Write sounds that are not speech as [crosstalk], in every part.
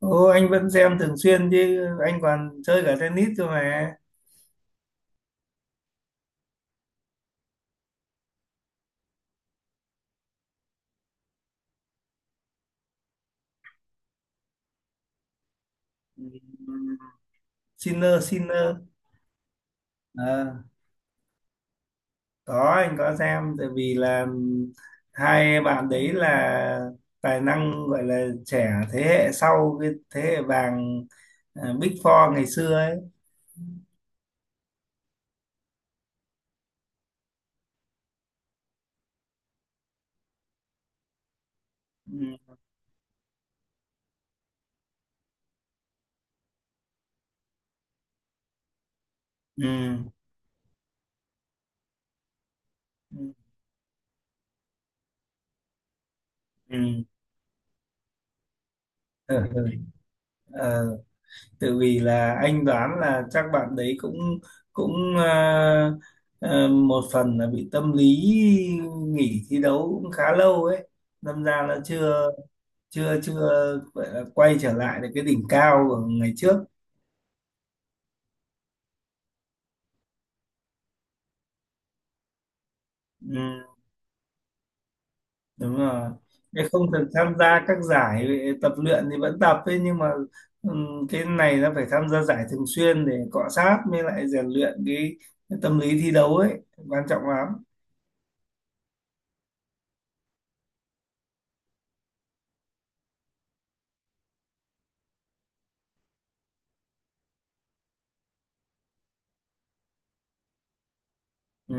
Ô, anh vẫn xem thường xuyên chứ, anh còn chơi cả tennis cơ mà. Ừ, Sinner, Sinner. Ờ, có, anh có xem, tại vì là hai bạn đấy là tài năng, gọi là trẻ, thế hệ sau cái thế hệ vàng Big Four ngày xưa ấy. Ừ. Ừ. Ừ. Ừ. Ừ. Tại vì là anh đoán là chắc bạn đấy cũng cũng à, à, một phần là bị tâm lý, nghỉ thi đấu cũng khá lâu ấy, đâm ra là chưa chưa chưa gọi là quay trở lại được cái đỉnh cao của ngày trước. Ừ, đúng rồi, cái không được tham gia các giải, tập luyện thì vẫn tập ấy, nhưng mà ừ, cái này nó phải tham gia giải thường xuyên để cọ sát mới lại rèn luyện cái tâm lý thi đấu ấy, quan trọng lắm. Ừ.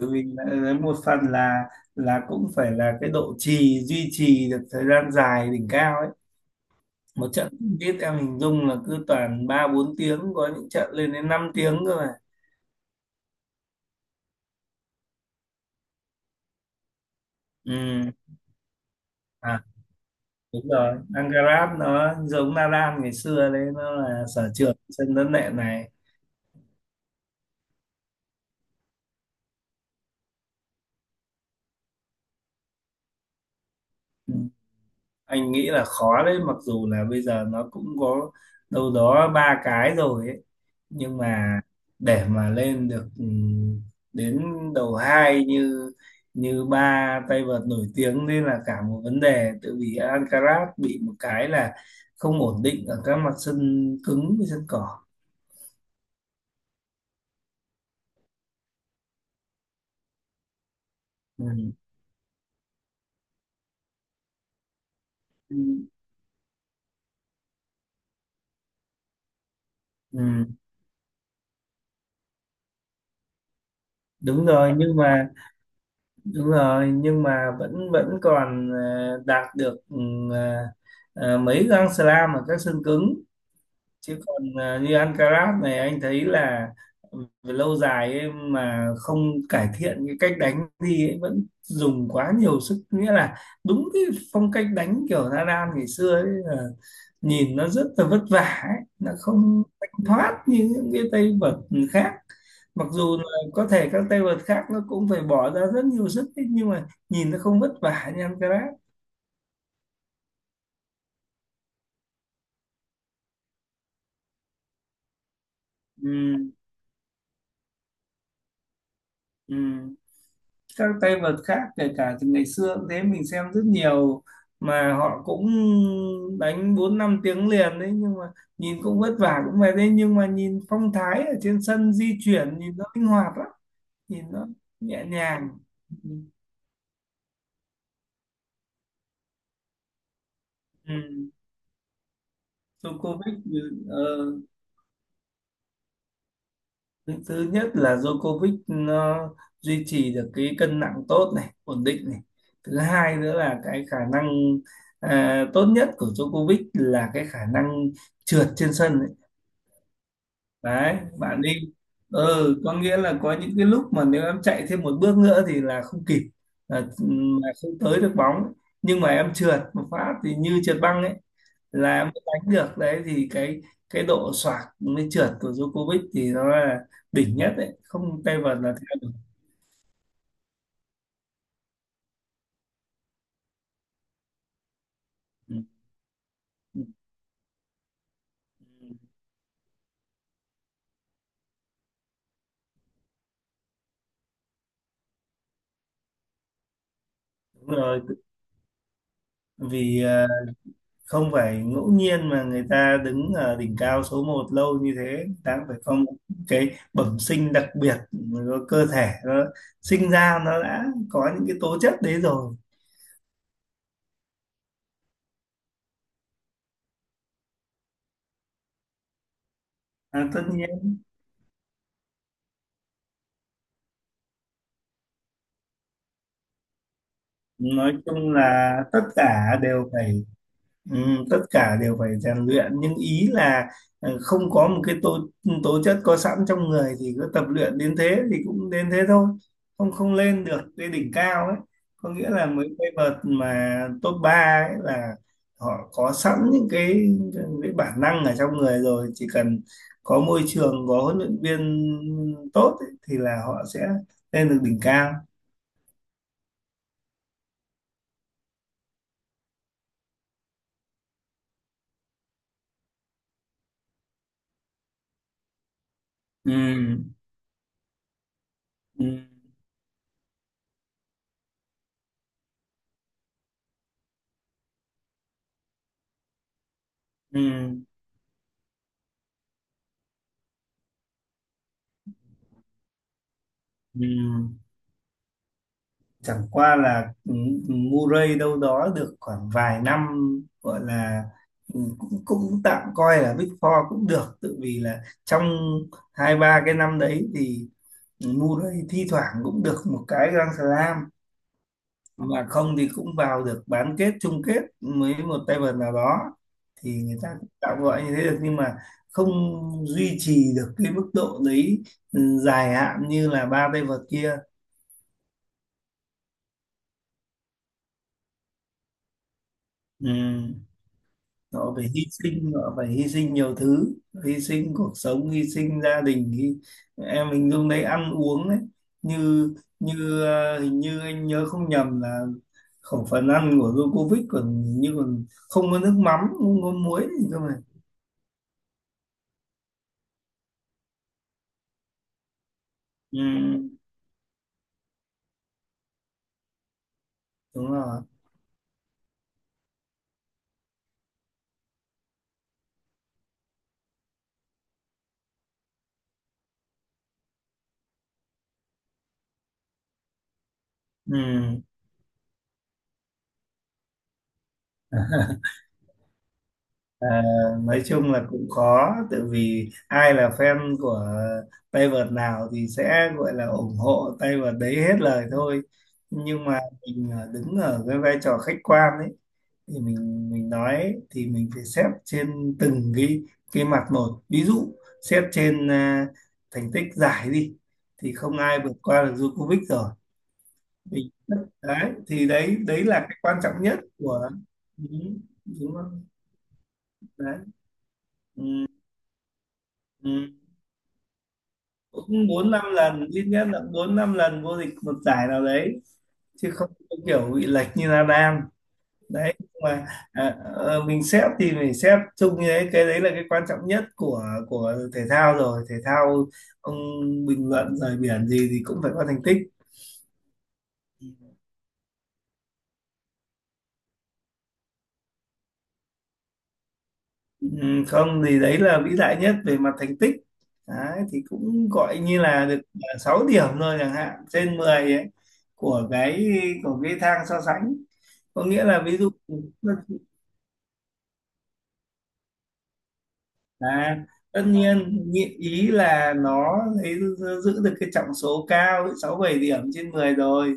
Tự mình đã- một phần là cũng phải là cái độ trì duy trì được thời gian dài đỉnh cao ấy, một trận biết em hình dung là cứ toàn ba bốn tiếng, có những trận lên đến 5 tiếng cơ mà. Ừ. À, đúng rồi, Ancarat nó giống Nadal ngày xưa đấy, nó là sở trường sân đất nện này. Ừ. Anh nghĩ là khó đấy, mặc dù là bây giờ nó cũng có đâu đó ba cái rồi ấy, nhưng mà để mà lên được đến đầu hai như như ba tay vợt nổi tiếng nên là cả một vấn đề, tự vì Alcaraz bị một cái là không ổn định ở các mặt sân cứng với sân cỏ. Ừ. Ừ. Ừ. Đúng rồi nhưng mà đúng rồi, nhưng mà vẫn vẫn còn đạt được ờ, mấy găng slam ở các sân cứng, chứ còn như ăn Alcaraz này anh thấy là về lâu dài ấy mà không cải thiện cái cách đánh thì ấy, vẫn dùng quá nhiều sức, nghĩa là đúng cái phong cách đánh kiểu Nadal ngày xưa ấy, là nhìn nó rất là vất vả ấy. Nó không thanh thoát như những cái tay vợt khác, mặc dù là có thể các tay vợt khác nó cũng phải bỏ ra rất nhiều sức ấy, nhưng mà nhìn nó không vất vả như Alcaraz. Ừ, ừ. Các tay vợt khác kể cả từ ngày xưa cũng thế, mình xem rất nhiều mà họ cũng đánh bốn năm tiếng liền đấy, nhưng mà nhìn cũng vất vả cũng mệt đấy, nhưng mà nhìn phong thái ở trên sân, di chuyển nhìn nó linh hoạt lắm, nhìn nó nhẹ nhàng. Ừ. Ừ. Djokovic ờ, thứ thứ nhất là Djokovic nó duy trì được cái cân nặng tốt này, ổn định này, thứ hai nữa là cái khả năng tốt nhất của Djokovic là cái khả năng trượt trên sân, đấy bạn đi. Ừ, có nghĩa là có những cái lúc mà nếu em chạy thêm một bước nữa thì là không kịp, là, là không tới được bóng, nhưng mà em trượt một phát thì như trượt băng ấy, là em mới đánh được. Đấy thì cái độ xoạc mới trượt của Djokovic thì nó là đỉnh nhất đấy, không tay vợt là theo được. Ừ, ừ, ừ. Đúng rồi, vì không phải ngẫu nhiên mà người ta đứng ở đỉnh cao số một lâu như thế, người ta cũng phải có một cái bẩm sinh đặc biệt, có cơ thể nó sinh ra nó đã có những cái tố chất đấy rồi. À, tất nhiên, nói chung là tất cả đều phải Ừ, tất cả đều phải rèn luyện, nhưng ý là không có một cái tố tố chất có sẵn trong người thì cứ tập luyện đến thế thì cũng đến thế thôi, không không lên được cái đỉnh cao ấy. Có nghĩa là mấy cái vợt mà top 3 ấy là họ có sẵn những cái bản năng ở trong người rồi, chỉ cần có môi trường, có huấn luyện viên tốt ấy, thì là họ sẽ lên được đỉnh cao. Ừ, ừ, ừ, ừ. Chẳng qua là Murray đâu đó được khoảng vài năm, gọi là cũng cũng tạm coi là Big Four cũng được, tự vì là trong hai ba cái năm đấy thì Murray thi thoảng cũng được một cái Grand Slam, mà không thì cũng vào được bán kết chung kết với một tay vợt nào đó, thì người ta cũng tạm gọi như thế được, nhưng mà không duy trì được cái mức độ đấy dài hạn như là ba tay vợt kia. Ừ. Họ phải hy sinh, họ phải hy sinh nhiều thứ, hy sinh cuộc sống, hy sinh gia đình, hy... em hình dung đấy, ăn uống đấy, như như hình như anh nhớ không nhầm là khẩu phần ăn của Djokovic còn, hình như còn không có nước mắm, không có muối gì cơ mà. Ừ, đúng rồi. Ừ. À, nói chung là cũng có, tại vì ai là fan của tay vợt nào thì sẽ gọi là ủng hộ tay vợt đấy hết lời thôi, nhưng mà mình đứng ở cái vai trò khách quan ấy thì mình nói thì mình phải xét trên từng cái mặt một, ví dụ xét trên thành tích giải đi thì không ai vượt qua được Djokovic rồi. Mình đấy thì đấy, đấy là cái quan trọng nhất của đúng, đúng không đấy. Ừ. Cũng bốn năm lần, ít nhất là bốn năm lần vô địch một giải nào đấy, chứ không có kiểu bị lệch như Nadal đấy, nhưng mà mình xếp thì mình xếp chung như đấy, cái đấy là cái quan trọng nhất của thể thao rồi, thể thao ông bình luận rời biển gì thì cũng phải có thành tích. Không thì đấy là vĩ đại nhất về mặt thành tích đấy, thì cũng gọi như là được 6 điểm thôi chẳng hạn, trên 10 ấy, của cái của cái thang so sánh, có nghĩa là ví dụ À, tất nhiên, nhị- ý là nó lấy, giữ được cái trọng số cao sáu bảy điểm trên 10 rồi,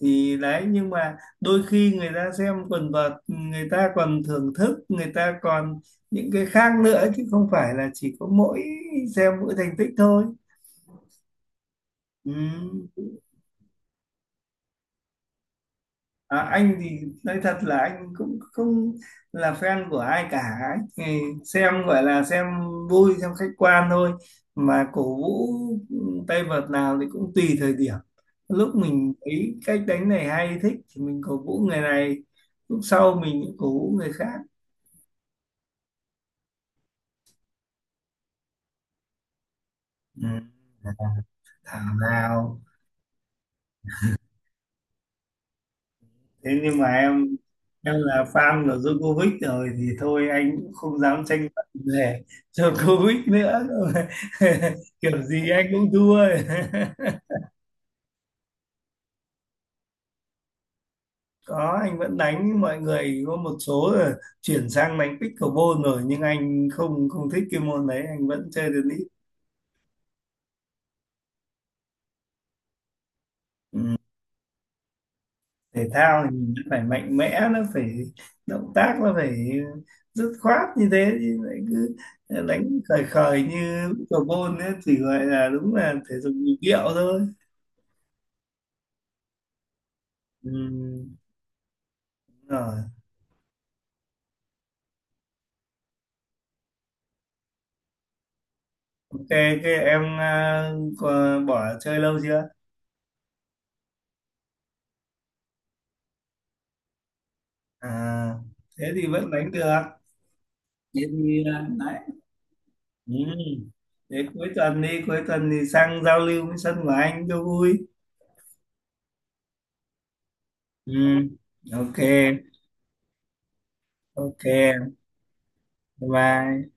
thì đấy nhưng mà đôi khi người ta xem quần vợt người ta còn thưởng thức, người ta còn những cái khác nữa, chứ không phải là chỉ có mỗi xem mỗi thành tích thôi. Ừ. À, anh thì nói thật là anh cũng không là fan của ai cả, anh thì xem gọi là xem vui, xem khách quan thôi, mà cổ vũ tay vợt nào thì cũng tùy thời điểm, lúc mình thấy cách đánh này hay thích thì mình cổ vũ người này, lúc sau mình cổ vũ người khác. Ừ. Thảo nào, thế nhưng mà em là fan của Djokovic rồi thì thôi, anh cũng không dám tranh luận về Djokovic nữa. [laughs] Kiểu gì anh cũng thua. [laughs] Có, anh vẫn đánh với mọi người, có một số là chuyển sang đánh pickleball rồi, nhưng anh không không thích cái môn đấy, anh vẫn chơi tennis. Thể thao thì nó phải mạnh mẽ, nó phải động tác, nó phải dứt khoát như thế, chứ lại cứ đánh khời khời như lúc cầu môn ấy thì gọi là đúng là thể dục nhịp điệu thôi. Ừ, đúng rồi. Ok cái em có bỏ chơi lâu chưa? À, thế thì vẫn đánh được, thế thì đấy. Ừ. Thế cuối tuần đi, cuối tuần thì sang giao lưu với sân của anh cho vui. Ừ. Ok. Ok. Bye bye.